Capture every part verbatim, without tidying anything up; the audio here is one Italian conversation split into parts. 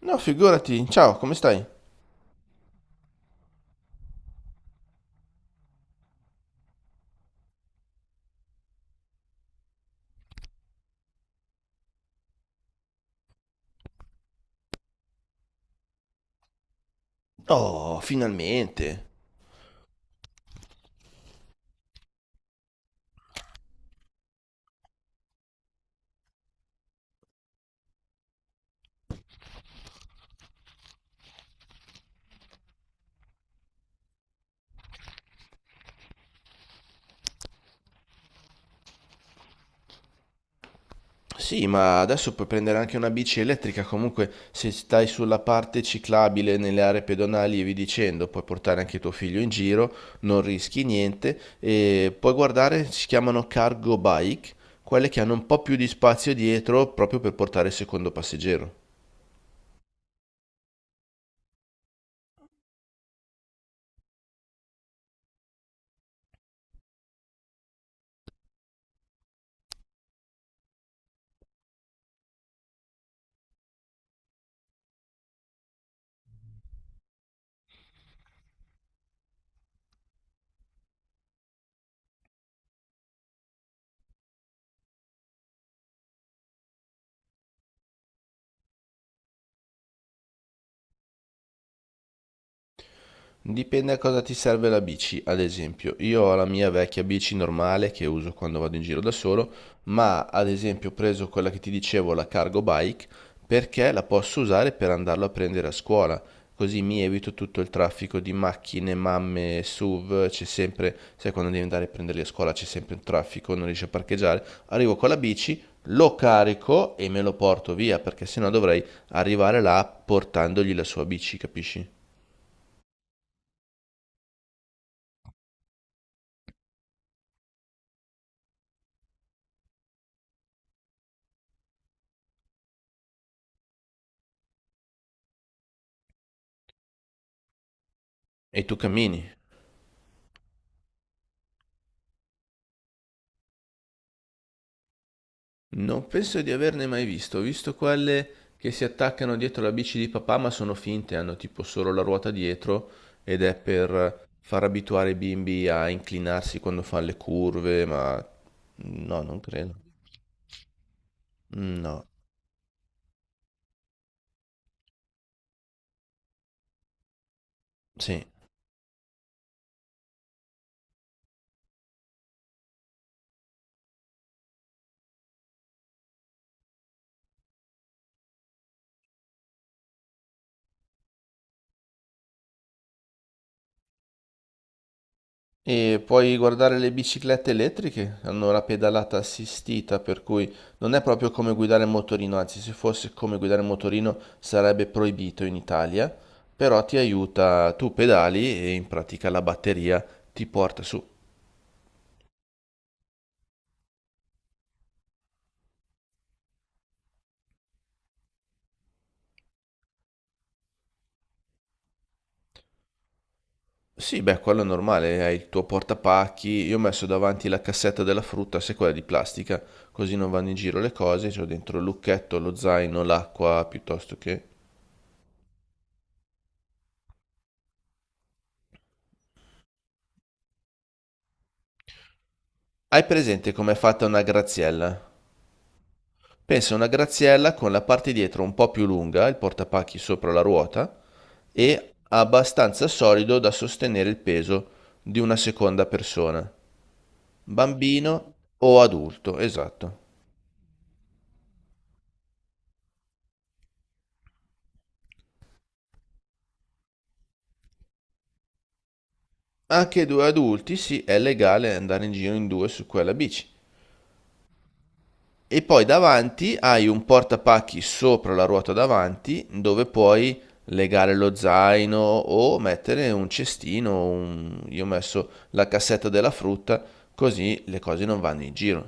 No, figurati. Ciao, come stai? Oh, finalmente. Sì, ma adesso puoi prendere anche una bici elettrica comunque se stai sulla parte ciclabile nelle aree pedonali e vi dicendo, puoi portare anche tuo figlio in giro, non rischi niente e puoi guardare, si chiamano cargo bike, quelle che hanno un po' più di spazio dietro proprio per portare il secondo passeggero. Dipende a cosa ti serve la bici, ad esempio, io ho la mia vecchia bici normale che uso quando vado in giro da solo, ma ad esempio ho preso quella che ti dicevo, la cargo bike, perché la posso usare per andarlo a prendere a scuola, così mi evito tutto il traffico di macchine, mamme, SUV, c'è sempre, sai quando devi andare a prenderli a scuola c'è sempre un traffico, non riesci a parcheggiare, arrivo con la bici, lo carico e me lo porto via, perché sennò dovrei arrivare là portandogli la sua bici, capisci? E tu cammini. Non penso di averne mai visto, ho visto quelle che si attaccano dietro la bici di papà, ma sono finte, hanno tipo solo la ruota dietro ed è per far abituare i bimbi a inclinarsi quando fanno le curve, ma no, non credo. No, sì. E puoi guardare le biciclette elettriche, hanno la pedalata assistita, per cui non è proprio come guidare il motorino, anzi se fosse come guidare il motorino sarebbe proibito in Italia, però ti aiuta, tu pedali e in pratica la batteria ti porta su. Sì, beh, quello è normale, hai il tuo portapacchi, io ho messo davanti la cassetta della frutta, se quella è di plastica, così non vanno in giro le cose, c'ho dentro il lucchetto, lo zaino, l'acqua, piuttosto che... Hai presente com'è fatta una graziella? Pensa a una graziella con la parte dietro un po' più lunga, il portapacchi sopra la ruota, e abbastanza solido da sostenere il peso di una seconda persona, bambino o adulto, esatto. Anche due adulti, sì, è legale andare in giro in due su quella bici. E poi davanti hai un portapacchi sopra la ruota davanti dove puoi legare lo zaino o mettere un cestino, un- io ho messo la cassetta della frutta, così le cose non vanno in giro.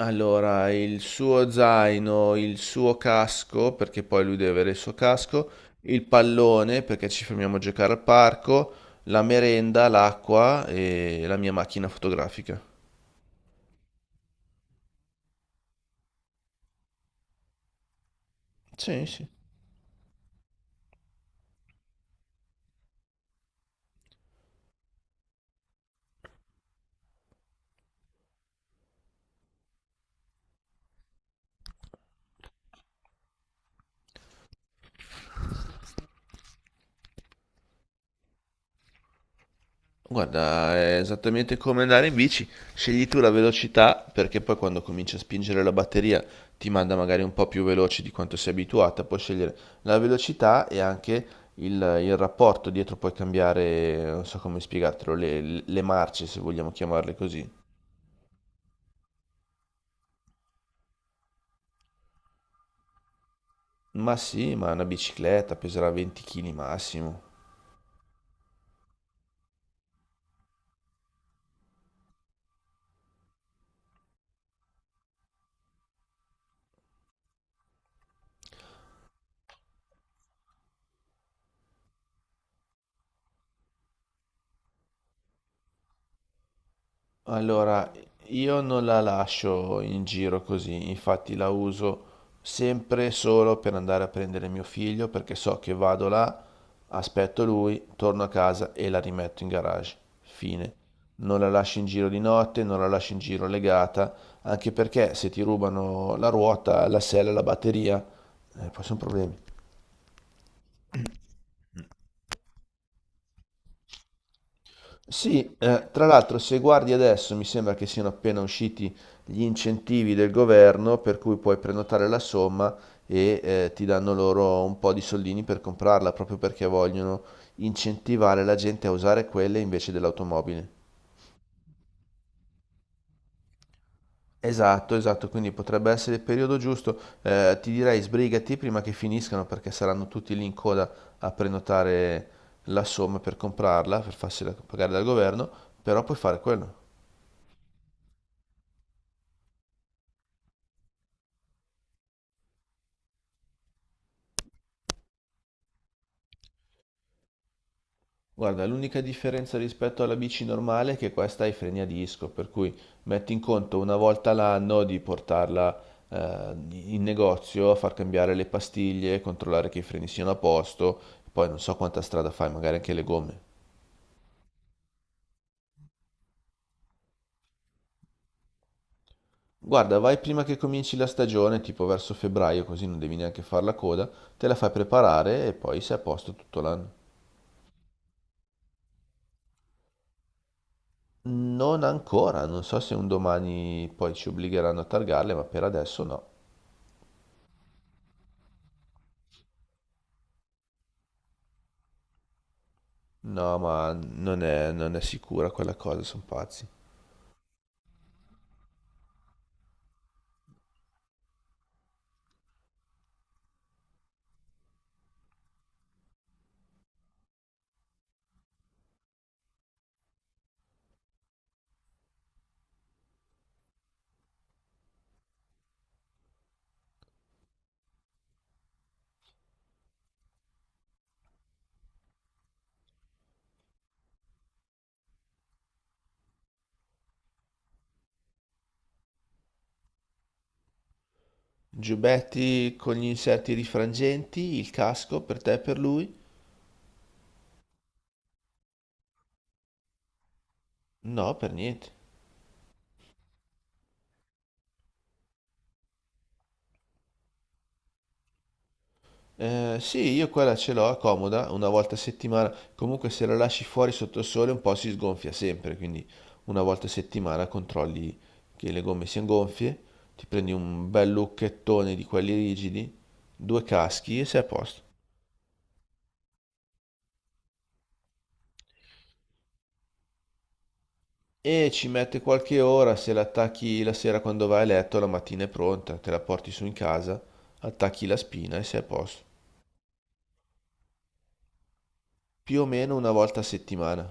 Allora, il suo zaino, il suo casco, perché poi lui deve avere il suo casco, il pallone, perché ci fermiamo a giocare al parco, la merenda, l'acqua e la mia macchina fotografica. Sì, sì. Guarda, è esattamente come andare in bici, scegli tu la velocità perché poi quando cominci a spingere la batteria ti manda magari un po' più veloce di quanto sei abituata, puoi scegliere la velocità e anche il, il rapporto dietro, puoi cambiare, non so come spiegartelo, le, le marce se vogliamo chiamarle così. Ma sì, ma una bicicletta peserà venti chili massimo. Allora, io non la lascio in giro così, infatti la uso sempre solo per andare a prendere mio figlio perché so che vado là, aspetto lui, torno a casa e la rimetto in garage. Fine. Non la lascio in giro di notte, non la lascio in giro legata, anche perché se ti rubano la ruota, la sella, la batteria, eh, poi sono problemi. Sì, eh, tra l'altro se guardi adesso mi sembra che siano appena usciti gli incentivi del governo per cui puoi prenotare la somma e eh, ti danno loro un po' di soldini per comprarla, proprio perché vogliono incentivare la gente a usare quelle invece dell'automobile. Esatto, esatto, quindi potrebbe essere il periodo giusto. Eh, ti direi sbrigati prima che finiscano perché saranno tutti lì in coda a prenotare la somma per comprarla, per farsela pagare dal governo, però puoi fare quello. Guarda, l'unica differenza rispetto alla bici normale è che questa ha i freni a disco, per cui metti in conto una volta l'anno di portarla eh, in negozio a far cambiare le pastiglie, controllare che i freni siano a posto, poi non so quanta strada fai, magari anche le gomme. Guarda, vai prima che cominci la stagione, tipo verso febbraio, così non devi neanche far la coda, te la fai preparare e poi sei a posto tutto l'anno. Non ancora, non so se un domani poi ci obbligheranno a targarle, ma per adesso no. No, ma non è, non è sicura quella cosa, sono pazzi. Giubbetti con gli inserti rifrangenti, il casco per te e per lui? No, per niente. Eh, sì, io quella ce l'ho, è comoda, una volta a settimana. Comunque se la lasci fuori sotto il sole un po' si sgonfia sempre, quindi una volta a settimana controlli che le gomme siano gonfie, ti prendi un bel lucchettone di quelli rigidi, due caschi e sei a posto. E ci mette qualche ora, se la attacchi la sera quando vai a letto, la mattina è pronta, te la porti su in casa, attacchi la spina e sei a posto. Più o meno una volta a settimana.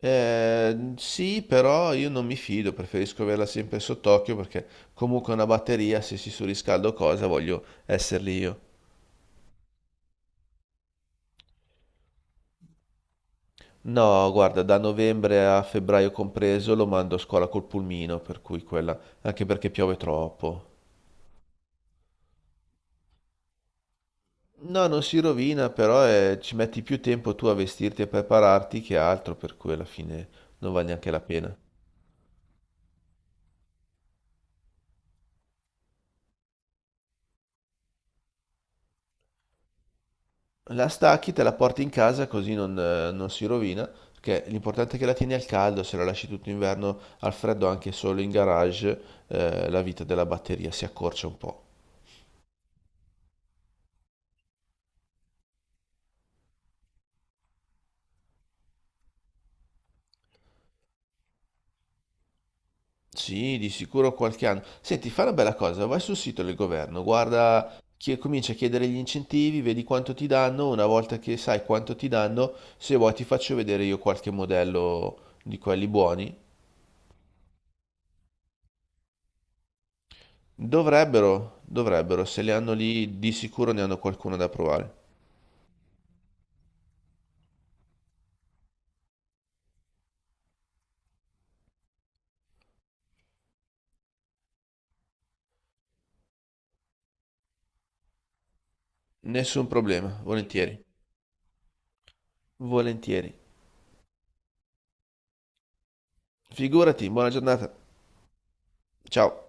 Eh, sì, però io non mi fido, preferisco averla sempre sott'occhio perché comunque una batteria, se si surriscalda o cosa, voglio esserli io. No, guarda, da novembre a febbraio compreso lo mando a scuola col pulmino, per cui quella, anche perché piove troppo. No, non si rovina, però eh, ci metti più tempo tu a vestirti e prepararti che altro, per cui alla fine non vale neanche la pena. La stacchi, te la porti in casa così non, eh, non si rovina, perché l'importante è che la tieni al caldo, se la lasci tutto inverno al freddo anche solo in garage, eh, la vita della batteria si accorcia un po'. Sì, di sicuro qualche anno. Senti, fai una bella cosa, vai sul sito del governo, guarda, chi- comincia a chiedere gli incentivi, vedi quanto ti danno, una volta che sai quanto ti danno, se vuoi ti faccio vedere io qualche modello di quelli buoni. Dovrebbero, dovrebbero, se li hanno lì, di sicuro ne hanno qualcuno da provare. Nessun problema, volentieri. Volentieri. Figurati, buona giornata. Ciao.